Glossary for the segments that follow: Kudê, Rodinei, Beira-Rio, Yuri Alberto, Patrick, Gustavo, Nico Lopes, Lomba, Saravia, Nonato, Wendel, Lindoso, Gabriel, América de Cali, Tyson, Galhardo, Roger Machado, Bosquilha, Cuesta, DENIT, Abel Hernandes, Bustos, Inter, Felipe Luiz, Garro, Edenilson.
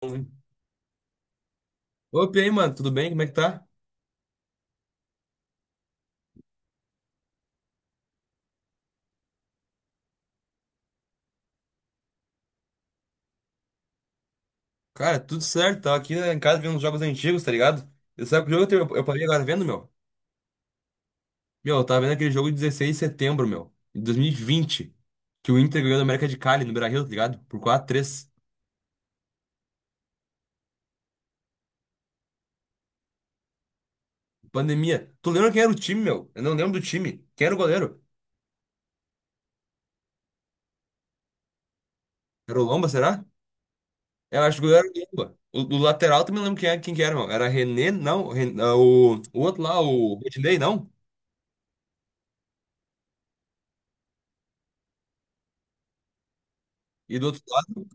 Opa, e aí, mano, tudo bem? Como é que tá? Cara, tudo certo. Tava aqui, né, em casa vendo uns jogos antigos, tá ligado? E sabe que jogo eu parei agora tá vendo, meu? Meu, eu tava vendo aquele jogo de 16 de setembro, meu, de 2020 que o Inter ganhou da América de Cali, no Beira-Rio, tá ligado? Por quatro x 3. Pandemia. Tu lembra quem era o time, meu? Eu não lembro do time. Quem era o goleiro? Era o Lomba, será? Eu acho que o goleiro era o Lomba. O lateral também não lembro quem que era, meu. Era René, não. O outro lá, o Rodinei, não. E do outro lado,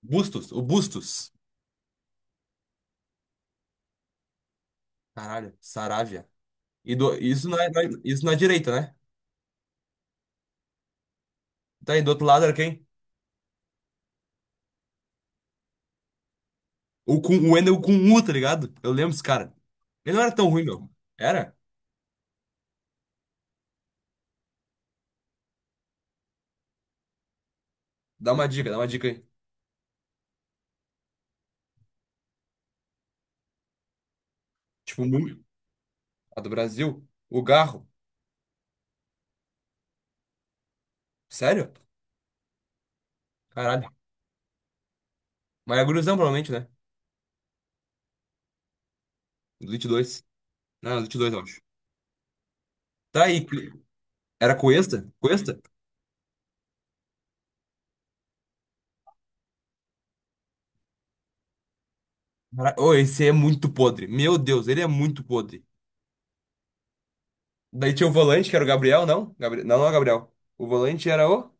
Bustos. O Bustos. Caralho, Saravia. Isso, isso na direita, né? Tá, e do outro lado era quem? O Wendel com U, tá ligado? Eu lembro esse cara. Ele não era tão ruim, meu. Era? Dá uma dica aí. Tipo, muito. A do Brasil. O Garro. Sério? Caralho. Mas é gurizão, provavelmente, né? Elite dois. Não, Elite 2 eu acho. Tá aí. Era Cuesta? Cuesta? Ô, esse é muito podre. Meu Deus, ele é muito podre. Daí tinha o volante, que era o Gabriel, não? Gabriel. Não, não é o Gabriel. O volante era o.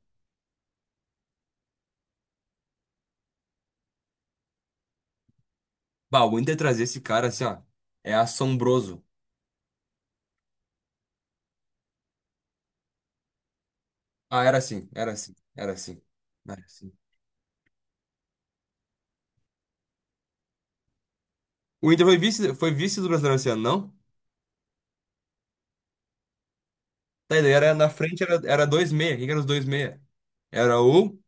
Bah, o Inter trazer esse cara assim, ó. É assombroso. Ah, era assim, era assim, era assim. Era assim. O Inter foi vice do Brasileiro esse ano, não? Tá, e daí era na frente, era 2-6. Quem que era os 2-6? Era o,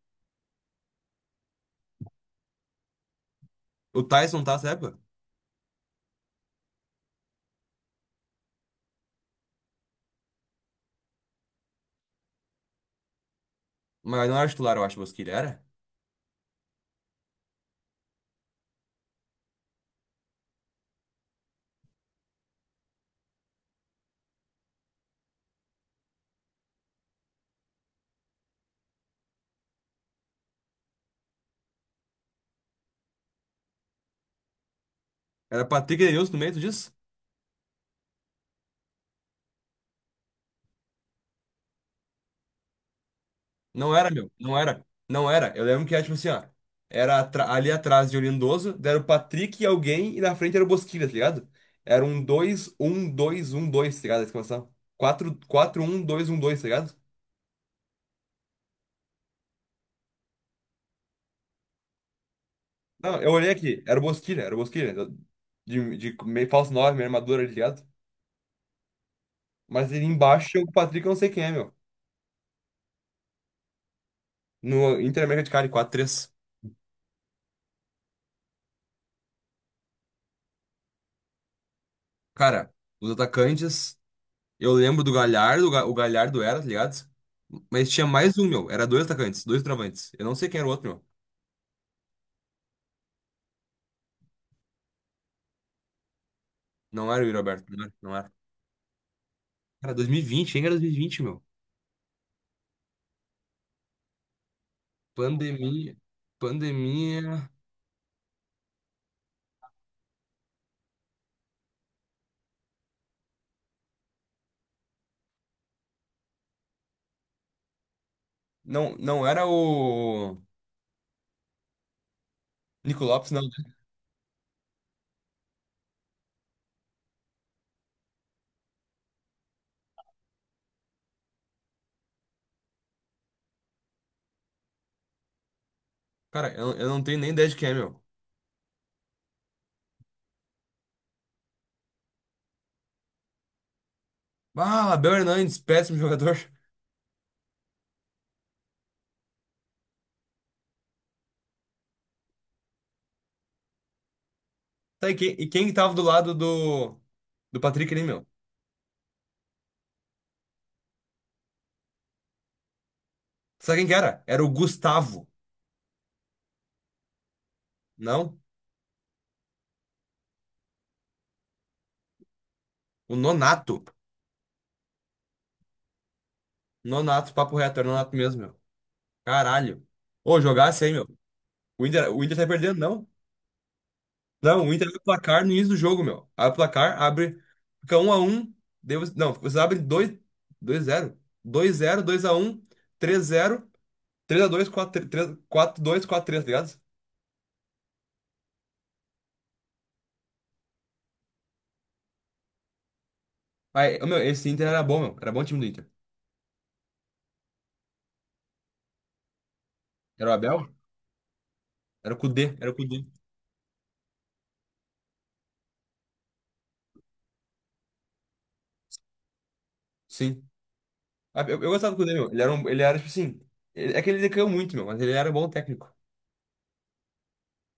o Tyson, tá, essa época? Mas não era titular, eu acho, Bosquilha. Era? Era Patrick Edenilson no meio, tu disse? Não era, meu. Não era. Não era. Eu lembro que era tipo assim, ó. Era ali atrás de Lindoso, era o Patrick e alguém, e na frente era o Bosquilha, tá ligado? Era um dois um dois um dois, tá ligado? A exclamação. Quatro um dois, tá ligado? Não, eu olhei aqui, era o Bosquilha, de, meio falso 9, meio armadura, tá ligado? Mas ele embaixo é o Patrick, eu não sei quem é, meu. No Inter Americano de 4x3, cara, os atacantes, eu lembro do Galhardo, o Galhardo era, tá ligado? Mas tinha mais um, meu, era dois atacantes, dois travantes. Eu não sei quem era o outro, meu. Não era o Yuri Alberto, não era. Não era. Cara, 2020, quem era 2020, meu? Pandemia, pandemia. Não, não era o Nico Lopes, não, né? Cara, eu não tenho nem ideia de quem é, meu. Ah, Abel Hernandes, péssimo jogador. Sabe quem, e quem que tava do lado do Patrick ali, meu? Sabe quem que era? Era o Gustavo. Não? O Nonato. Nonato, papo reto, era o Nonato mesmo, meu. Caralho. Ô, jogasse aí, meu. O Inter tá perdendo, não? Não, o Inter abre o placar no início do jogo, meu. Abre o placar, abre. Fica um 1x1. Não, você abre dois, dois zero, dois zero, dois a um, três zero, três a dois, quatro, x 2 4x3, 4x2, tá ligado? Aí, ô, meu, esse Inter era bom, meu. Era bom time do Inter. Era o Abel? Era o Kudê, era o Kudê. Sim. Ah, eu gostava do Kudê, meu. Ele era tipo assim. É que ele decaiu muito, meu, mas ele era um bom técnico.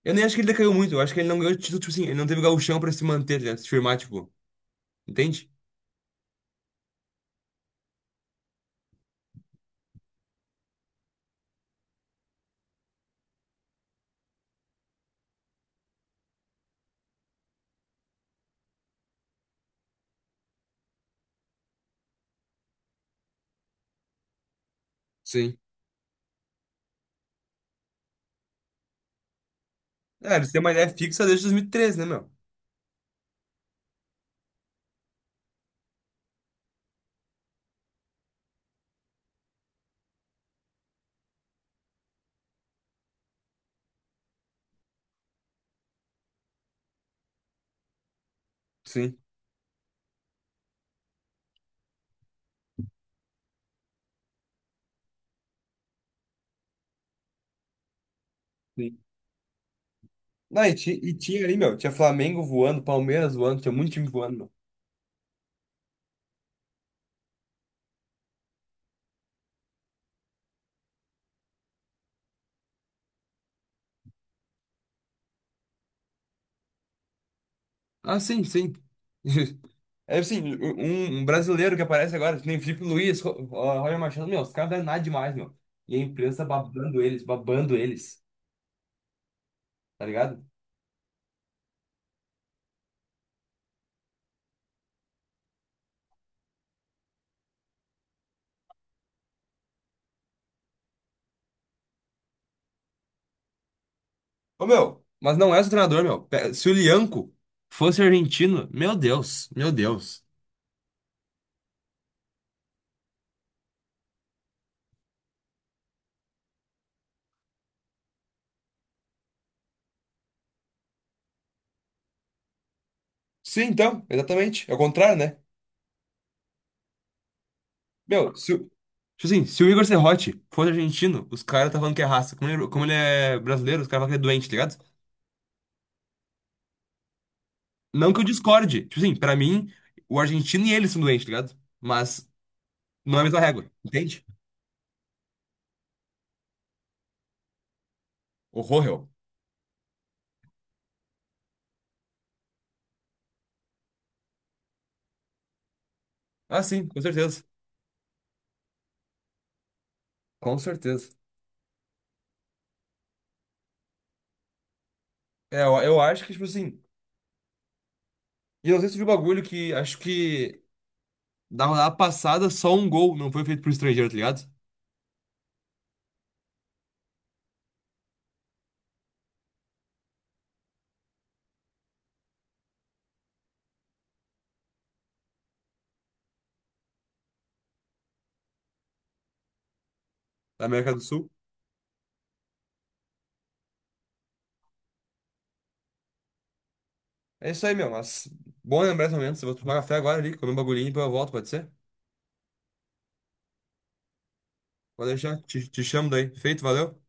Eu nem acho que ele decaiu muito, eu acho que ele não ganhou título, tipo assim, ele não teve gauchão pra se manter, tá se firmar, tipo. Entende? Sim. É, eles têm uma ideia fixa desde 2013, né, meu? Sim. Sim. Não, e tinha ali, meu, tinha Flamengo voando, Palmeiras voando, tinha muito time voando, meu. Ah, sim, sim. É assim, um brasileiro que aparece agora, que nem Felipe Luiz, Roger Machado, meu, os caras não é nada demais, meu. E a imprensa babando eles, tá ligado? Ô, meu, mas não é só treinador, meu. Se o Lianco fosse argentino, meu Deus, meu Deus. Sim, então, exatamente. É o contrário, né? Meu, se, o- tipo assim, se o Igor Serrote fosse argentino, os caras tá falando que é raça. Como ele é brasileiro, os caras falam que é doente, tá ligado? Não que eu discorde. Tipo assim, pra mim, o argentino e ele são doentes, tá ligado? Mas não é a mesma régua, entende? Horror, eu. Ah, sim, com certeza. Com certeza. É, eu acho que, tipo assim. E eu não sei se de um bagulho que acho que na rodada passada só um gol não foi feito por estrangeiro, tá ligado? Da América do Sul. É isso aí, meu. Mas bom lembrar esse momento. Eu vou tomar café agora ali, comer um bagulhinho e depois eu volto, pode ser? Pode deixar. Te chamo daí. Feito, valeu.